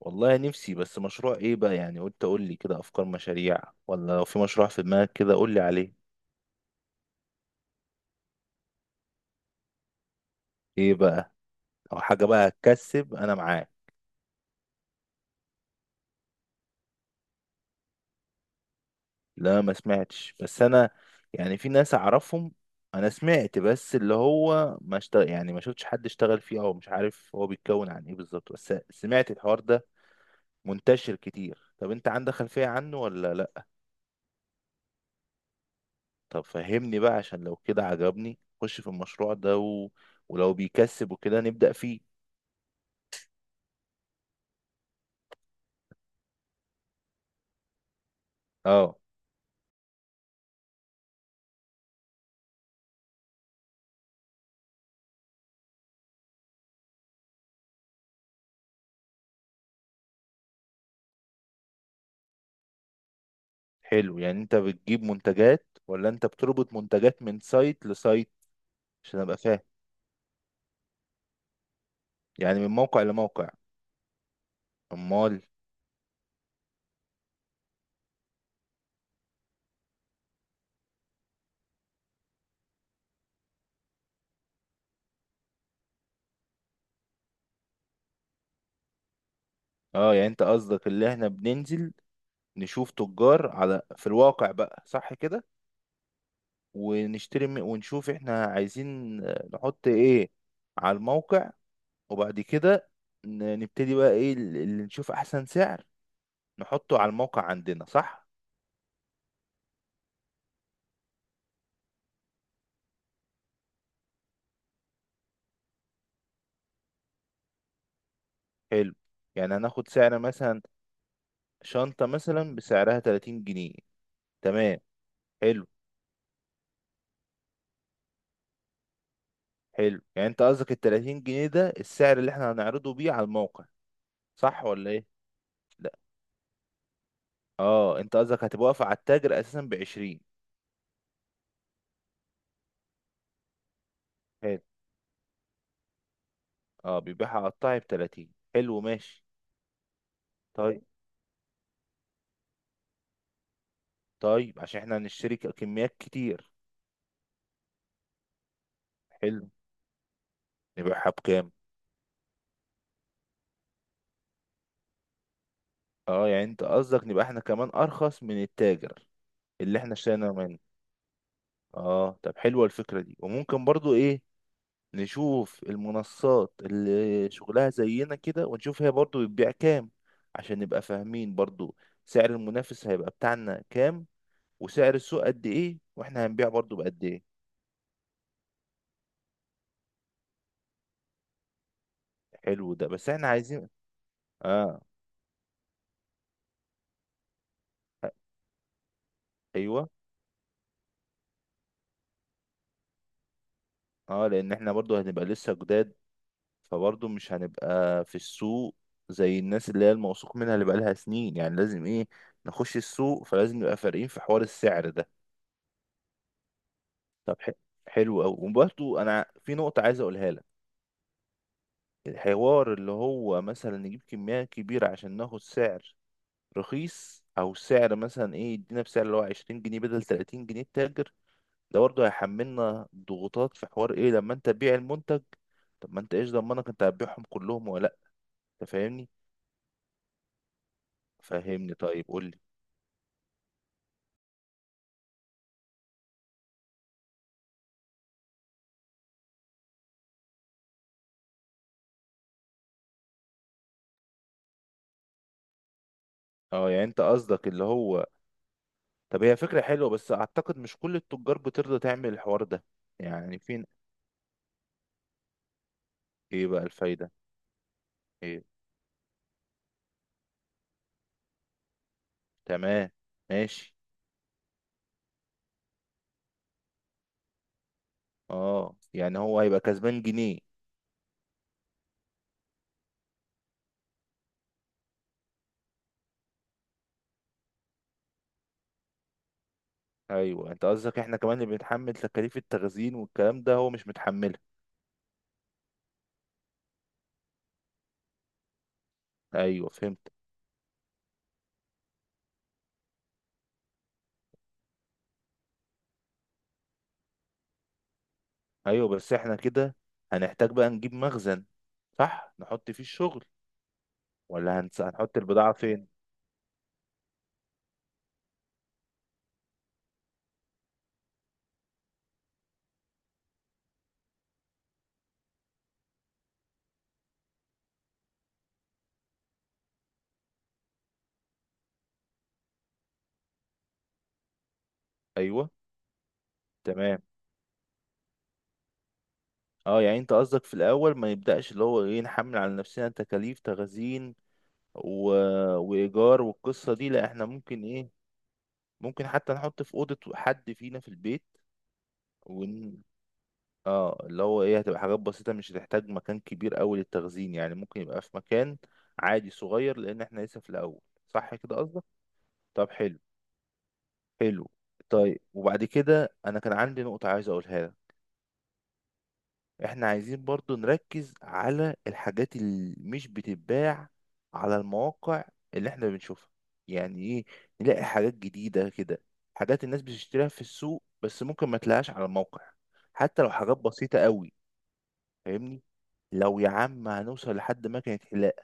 والله نفسي، بس مشروع ايه بقى؟ يعني قلت اقول لي كده افكار مشاريع، ولا لو في مشروع في دماغك كده قول لي عليه. ايه بقى؟ او حاجه بقى هتكسب انا معاك. لا ما سمعتش، بس انا يعني في ناس اعرفهم. انا سمعت بس، اللي هو ما اشتغل، يعني ما شفتش حد اشتغل فيه، او مش عارف هو بيتكون عن ايه بالظبط، بس سمعت الحوار ده منتشر كتير. طب انت عندك خلفيه عنه ولا لا؟ طب فهمني بقى عشان لو كده عجبني خش في المشروع ده ولو بيكسب وكده نبدأ فيه. اه، حلو. يعني انت بتجيب منتجات ولا انت بتربط منتجات من سايت لسايت؟ عشان ابقى فاهم، يعني من موقع لموقع. امال؟ اه يعني انت قصدك اللي احنا بننزل نشوف تجار على في الواقع بقى، صح كده؟ ونشوف احنا عايزين، نحط ايه على الموقع. وبعد كده نبتدي بقى ايه، اللي نشوف احسن سعر نحطه على الموقع عندنا، صح؟ حلو، يعني هناخد سعر مثلا شنطة مثلا بسعرها 30 جنيه. تمام. حلو حلو، يعني انت قصدك ال 30 جنيه ده السعر اللي احنا هنعرضه بيه على الموقع، صح ولا ايه؟ لا، اه انت قصدك هتبقى واقفة على التاجر اساسا ب 20. حلو. اه، بيبيعها قطعي ب 30. حلو ماشي. طيب. طيب، عشان احنا هنشتري كميات كتير. حلو، نبيعها بكام؟ اه يعني انت قصدك نبقى احنا كمان ارخص من التاجر اللي احنا اشترينا منه. اه، طب حلوة الفكرة دي، وممكن برضو ايه، نشوف المنصات اللي شغلها زينا كده، ونشوف هي برضو بتبيع كام عشان نبقى فاهمين برضو سعر المنافس هيبقى بتاعنا كام، وسعر السوق قد ايه، واحنا هنبيع برضو بقد ايه. حلو ده، بس احنا عايزين. اه. ايوه. اه، لان احنا برضو هنبقى لسه جداد، فبرضو مش هنبقى في السوق زي الناس اللي هي الموثوق منها اللي بقالها سنين. يعني لازم ايه، نخش السوق، فلازم نبقى فارقين في حوار السعر ده. طب ح- حلو قوي. وبرضو انا في نقطة عايز اقولها لك. الحوار اللي هو مثلا نجيب كمية كبيرة عشان ناخد سعر رخيص، أو سعر مثلا إيه، يدينا بسعر اللي هو عشرين جنيه بدل تلاتين جنيه التاجر، ده برضه هيحملنا ضغوطات في حوار إيه لما أنت تبيع المنتج. طب ما أنت إيش ضمنك أنت هتبيعهم كلهم ولا لأ؟ أنت فاهمني؟ فهمني طيب، قول لي. أه يعني أنت قصدك اللي هو، طب هي فكرة حلوة، بس أعتقد مش كل التجار بترضى تعمل الحوار ده. يعني فين؟ إيه بقى الفايدة؟ إيه. تمام. ماشي. أه يعني هو هيبقى كسبان جنيه. ايوه، انت قصدك احنا كمان اللي بنتحمل تكاليف التخزين والكلام ده، هو مش متحملها. ايوه فهمت. ايوه، بس احنا كده هنحتاج بقى نجيب مخزن، صح، نحط فيه الشغل، ولا هنحط البضاعة فين؟ ايوه. تمام. اه يعني انت قصدك في الاول ما نبدأش اللي هو ايه، نحمل على نفسنا تكاليف تخزين و... وايجار والقصة دي، لا احنا ممكن ايه، ممكن حتى نحط في أوضة حد فينا في البيت ون... اه اللي هو ايه، هتبقى حاجات بسيطة، مش هتحتاج مكان كبير قوي للتخزين، يعني ممكن يبقى في مكان عادي صغير، لان احنا لسه في الاول، صح كده قصدك؟ طب حلو. حلو. طيب، وبعد كده انا كان عندي نقطة عايز اقولها لك. احنا عايزين برضو نركز على الحاجات اللي مش بتتباع على المواقع اللي احنا بنشوفها. يعني ايه، نلاقي حاجات جديدة كده، حاجات الناس بتشتريها في السوق، بس ممكن ما تلاقيهاش على الموقع، حتى لو حاجات بسيطة قوي. فاهمني؟ لو يا عم هنوصل لحد مكنة حلاقة،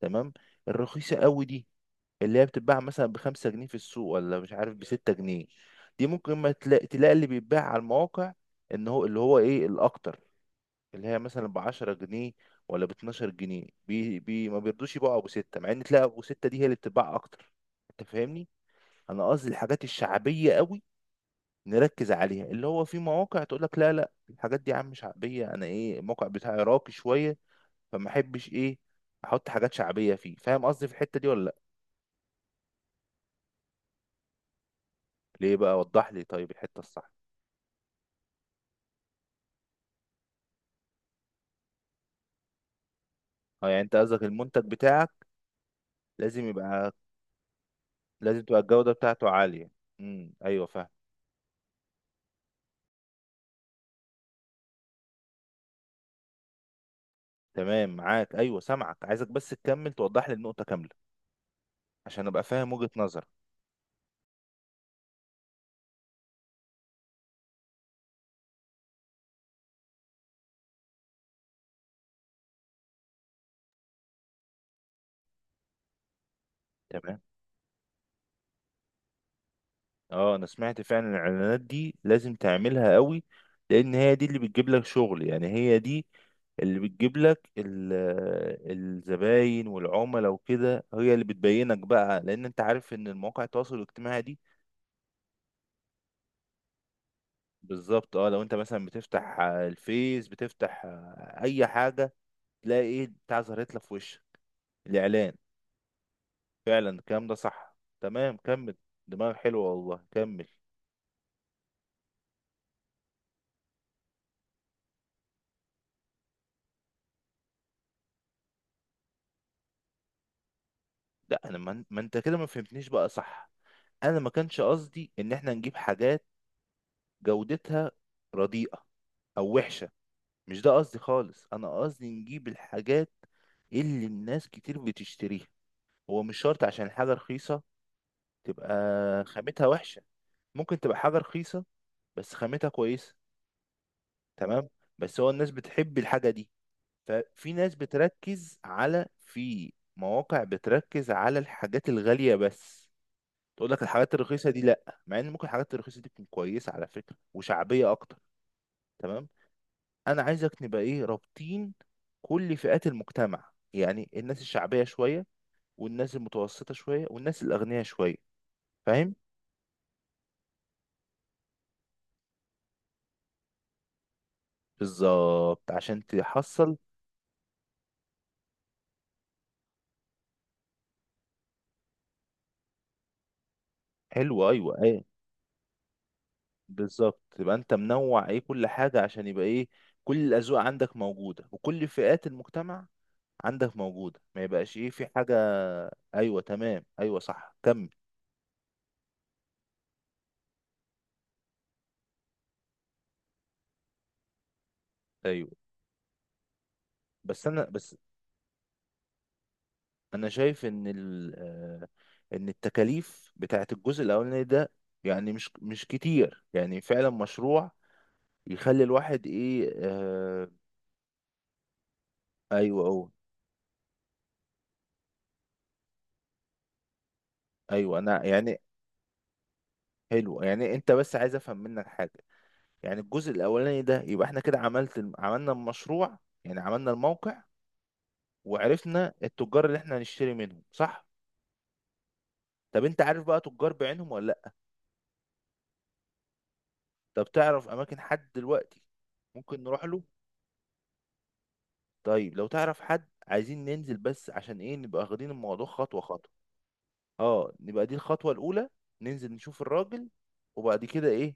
تمام، الرخيصة قوي دي اللي هي بتتباع مثلا بخمسة جنيه في السوق ولا مش عارف بستة جنيه. دي ممكن ما تلاقي, تلاقي اللي بيتباع على المواقع ان هو اللي هو ايه الاكتر، اللي هي مثلا بعشرة جنيه ولا باتناشر جنيه، بي بي ما بيرضوش يبيعوا ابو ستة، مع ان تلاقي ابو ستة دي هي اللي بتتباع اكتر. انت فاهمني؟ انا قصدي الحاجات الشعبية قوي نركز عليها، اللي هو في مواقع تقول لك لا لا، الحاجات دي يا عم شعبية، انا ايه، الموقع بتاعي راقي شوية، فما احبش ايه، احط حاجات شعبيه فيه. فاهم قصدي في الحته دي ولا لا؟ ليه بقى؟ وضح لي طيب الحته الصح. اه يعني انت قصدك المنتج بتاعك لازم يبقى، لازم تبقى الجوده بتاعته عاليه. ايوه فاهم. تمام معاك، ايوه سامعك، عايزك بس تكمل توضح لي النقطه كامله عشان ابقى فاهم وجهه نظرك. اه انا سمعت فعلا، الاعلانات دي لازم تعملها قوي، لان هي دي اللي بتجيب لك شغل، يعني هي دي اللي بتجيب لك الزباين والعملاء وكده، هي اللي بتبينك بقى، لان انت عارف ان المواقع التواصل الاجتماعي دي بالظبط. اه، لو انت مثلا بتفتح الفيس، بتفتح اي حاجة، تلاقي ايه بتاع ظهرت لك في وشك، الاعلان. فعلا الكلام ده صح. تمام كمل. دماغ حلوة والله، كمل. لا انا ما انت كده ما فهمتنيش بقى صح. انا ما كانش قصدي ان احنا نجيب حاجات جودتها رديئة او وحشة. مش ده قصدي خالص. انا قصدي نجيب الحاجات اللي الناس كتير بتشتريها. هو مش شرط عشان حاجة رخيصة تبقى خامتها وحشة، ممكن تبقى حاجة رخيصة بس خامتها كويسة. تمام. بس هو الناس بتحب الحاجة دي. ففي ناس بتركز على، في مواقع بتركز على الحاجات الغالية بس، تقول لك الحاجات الرخيصة دي لا، مع ان ممكن الحاجات الرخيصة دي تكون كويسة على فكرة، وشعبية اكتر. تمام. انا عايزك نبقى ايه رابطين كل فئات المجتمع، يعني الناس الشعبيه شويه، والناس المتوسطه شويه، والناس الاغنياء شويه. فاهم؟ بالظبط عشان تحصل. حلو ايوه، ايه. بالظبط، تبقى انت منوع ايه كل حاجه، عشان يبقى ايه، كل الاذواق عندك موجوده، وكل فئات المجتمع عندك موجوده، ما يبقاش ايه في حاجه. ايوه تمام، ايوه صح، كمل. ايوه. بس انا، انا شايف ان ال آه، ان التكاليف بتاعت الجزء الاولاني ده يعني مش كتير، يعني فعلا مشروع يخلي الواحد ايه، آه. ايوه اهو. ايوه انا يعني. حلو، يعني انت بس عايز افهم منك حاجه. يعني الجزء الاولاني ده يبقى احنا كده عملنا المشروع، يعني عملنا الموقع، وعرفنا التجار اللي احنا هنشتري منهم، صح. طب انت عارف بقى تجار بعينهم ولا لا؟ طب تعرف اماكن حد دلوقتي ممكن نروح له؟ طيب، لو تعرف حد عايزين ننزل، بس عشان ايه نبقى واخدين الموضوع خطوة خطوة. اه نبقى دي الخطوة الأولى، ننزل نشوف الراجل، وبعد كده ايه،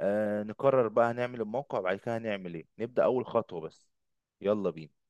آه نقرر بقى هنعمل الموقع، وبعد كده هنعمل ايه. نبدأ أول خطوة بس. يلا بينا.